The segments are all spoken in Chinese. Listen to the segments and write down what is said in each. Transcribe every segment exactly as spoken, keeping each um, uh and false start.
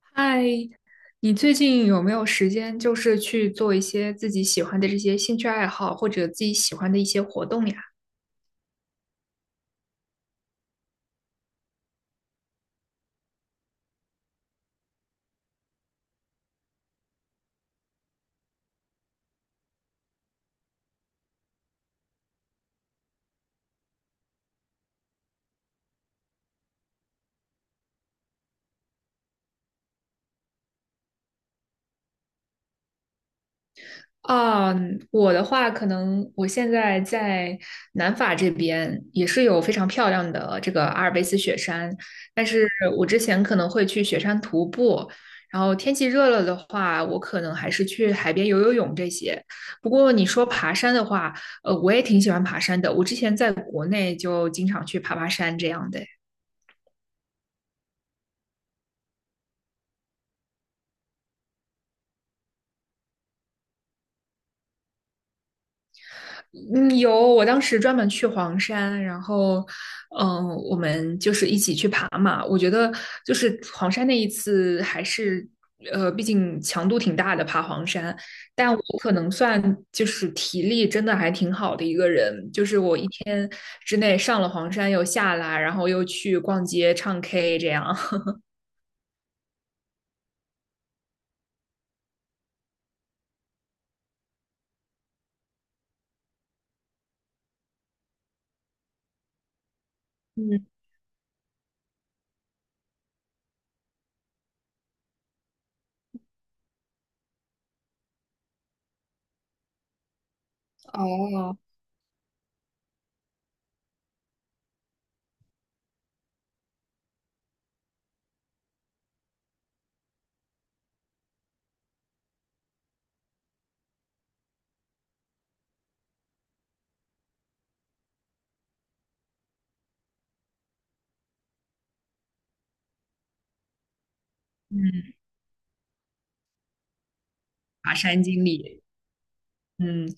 嗨，你最近有没有时间，就是去做一些自己喜欢的这些兴趣爱好，或者自己喜欢的一些活动呀？啊，我的话，可能我现在在南法这边也是有非常漂亮的这个阿尔卑斯雪山，但是我之前可能会去雪山徒步，然后天气热了的话，我可能还是去海边游游泳这些。不过你说爬山的话，呃，我也挺喜欢爬山的，我之前在国内就经常去爬爬山这样的。嗯，有，我当时专门去黄山，然后，嗯，我们就是一起去爬嘛。我觉得就是黄山那一次还是，呃，毕竟强度挺大的，爬黄山。但我可能算就是体力真的还挺好的一个人，就是我一天之内上了黄山又下来，然后又去逛街唱 K 这样。嗯，哦，嗯嗯。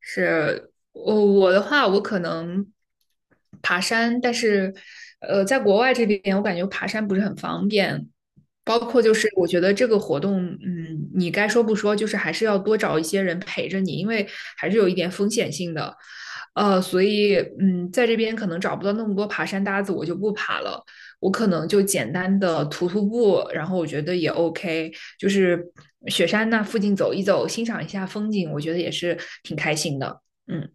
是，我我的话，我可能爬山，但是呃，在国外这边，我感觉爬山不是很方便。包括就是我觉得这个活动，嗯，你该说不说，就是还是要多找一些人陪着你，因为还是有一点风险性的。呃，所以嗯，在这边可能找不到那么多爬山搭子，我就不爬了。我可能就简单的徒徒步，然后我觉得也 OK,就是雪山那附近走一走，欣赏一下风景，我觉得也是挺开心的。嗯，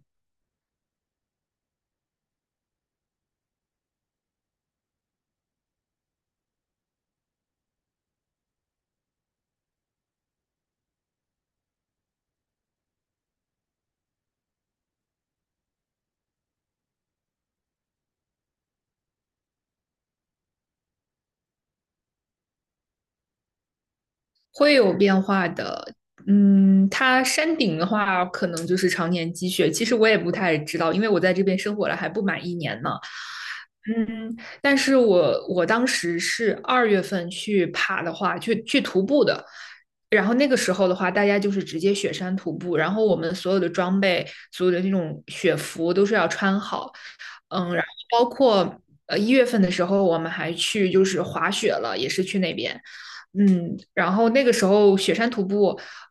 会有变化的。嗯，它山顶的话，可能就是常年积雪。其实我也不太知道，因为我在这边生活了还不满一年呢。嗯，但是我我当时是二月份去爬的话，去去徒步的。然后那个时候的话，大家就是直接雪山徒步，然后我们所有的装备、所有的那种雪服都是要穿好。嗯，然后包括呃一月份的时候，我们还去就是滑雪了，也是去那边。嗯，然后那个时候雪山徒步，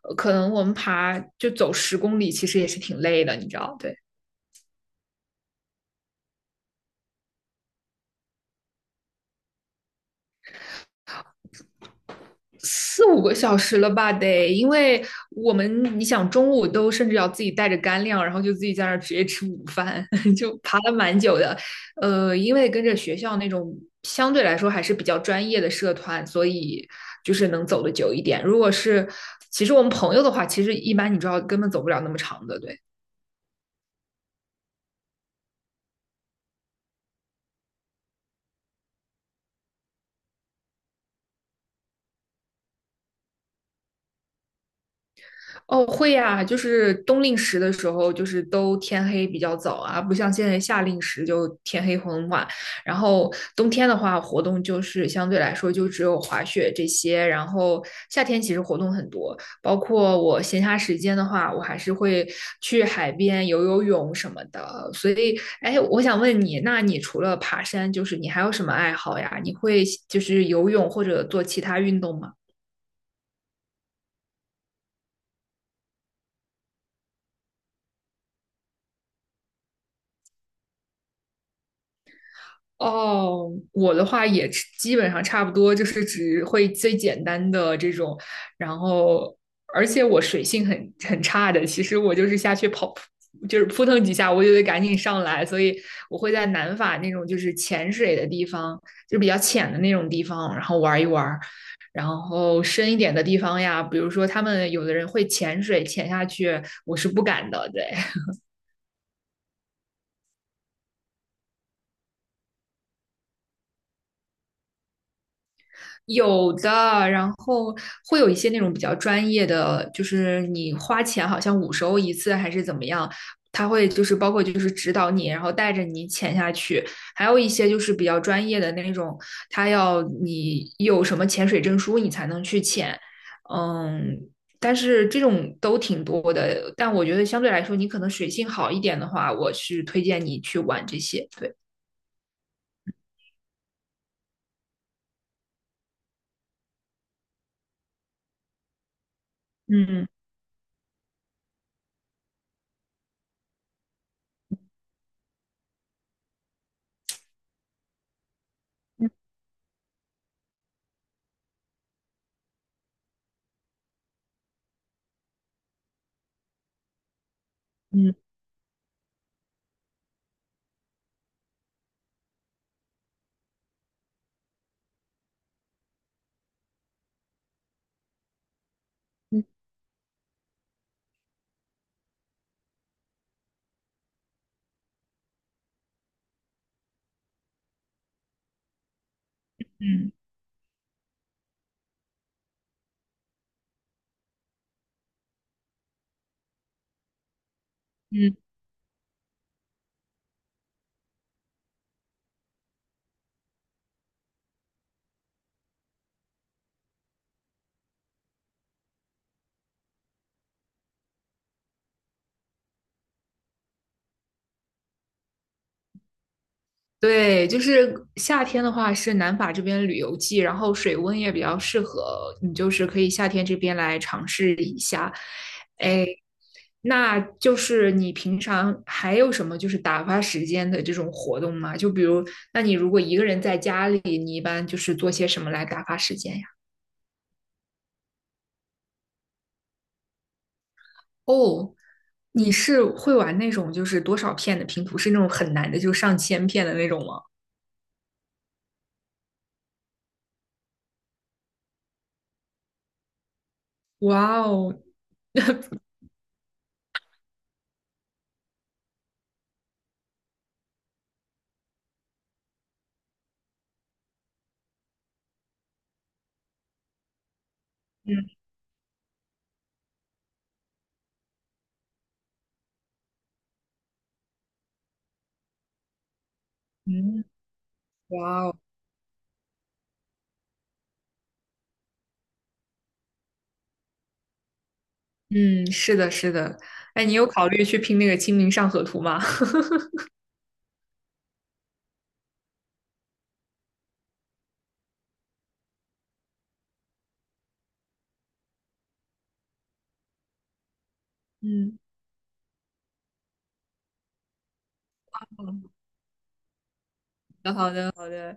呃可能我们爬就走十公里，其实也是挺累的，你知道，对，四五个小时了吧得，因为我们你想中午都甚至要自己带着干粮，然后就自己在那儿直接吃午饭，就爬了蛮久的。呃，因为跟着学校那种相对来说还是比较专业的社团，所以就是能走得久一点。如果是其实我们朋友的话，其实一般你知道根本走不了那么长的，对。哦，会呀，就是冬令时的时候，就是都天黑比较早啊，不像现在夏令时就天黑很晚。然后冬天的话，活动就是相对来说就只有滑雪这些。然后夏天其实活动很多，包括我闲暇时间的话，我还是会去海边游游泳什么的。所以，哎，我想问你，那你除了爬山，就是你还有什么爱好呀？你会就是游泳或者做其他运动吗？哦，我的话也是基本上差不多，就是只会最简单的这种，然后而且我水性很很差的，其实我就是下去跑，就是扑腾几下我就得赶紧上来，所以我会在南法那种就是潜水的地方，就比较浅的那种地方，然后玩一玩然后深一点的地方呀，比如说他们有的人会潜水潜下去，我是不敢的，对。有的，然后会有一些那种比较专业的，就是你花钱好像五十欧一次还是怎么样，他会就是包括就是指导你，然后带着你潜下去，还有一些就是比较专业的那种，他要你有什么潜水证书你才能去潜，嗯，但是这种都挺多的，但我觉得相对来说你可能水性好一点的话，我是推荐你去玩这些，对，嗯嗯嗯嗯嗯。对，就是夏天的话是南法这边旅游季，然后水温也比较适合，你就是可以夏天这边来尝试一下。哎，那就是你平常还有什么就是打发时间的这种活动吗？就比如，那你如果一个人在家里，你一般就是做些什么来打发时间呀？哦，你是会玩那种就是多少片的拼图，是那种很难的，就上千片的那种吗？哇哦，嗯嗯，哇哦。嗯，是的，是的。哎，你有考虑去拼那个《清明上河图》吗？嗯，好的，好的，好的。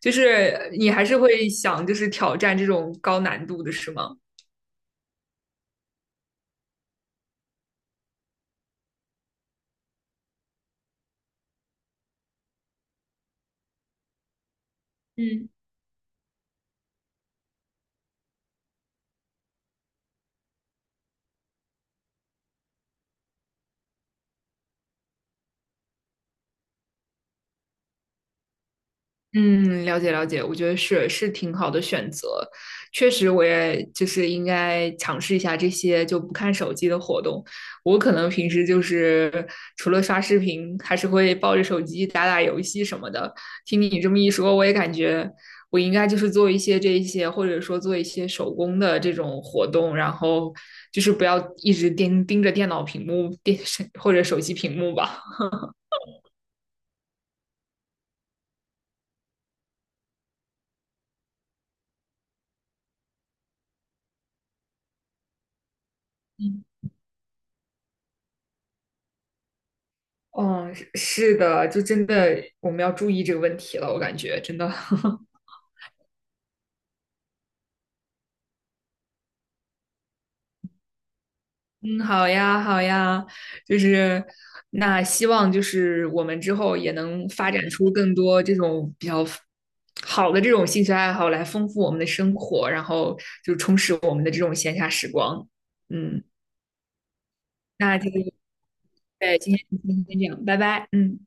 就是你还是会想，就是挑战这种高难度的，是吗？嗯。嗯，了解了解，我觉得是是挺好的选择，确实我也就是应该尝试一下这些就不看手机的活动。我可能平时就是除了刷视频，还是会抱着手机打打游戏什么的。听你这么一说，我也感觉我应该就是做一些这一些，或者说做一些手工的这种活动，然后就是不要一直盯盯着电脑屏幕、电视或者手机屏幕吧。哦，是是的，就真的我们要注意这个问题了，我感觉真的。嗯，好呀，好呀，就是那希望就是我们之后也能发展出更多这种比较好的这种兴趣爱好来丰富我们的生活，然后就充实我们的这种闲暇时光。嗯，那这个对，今天就先这样，拜拜。嗯。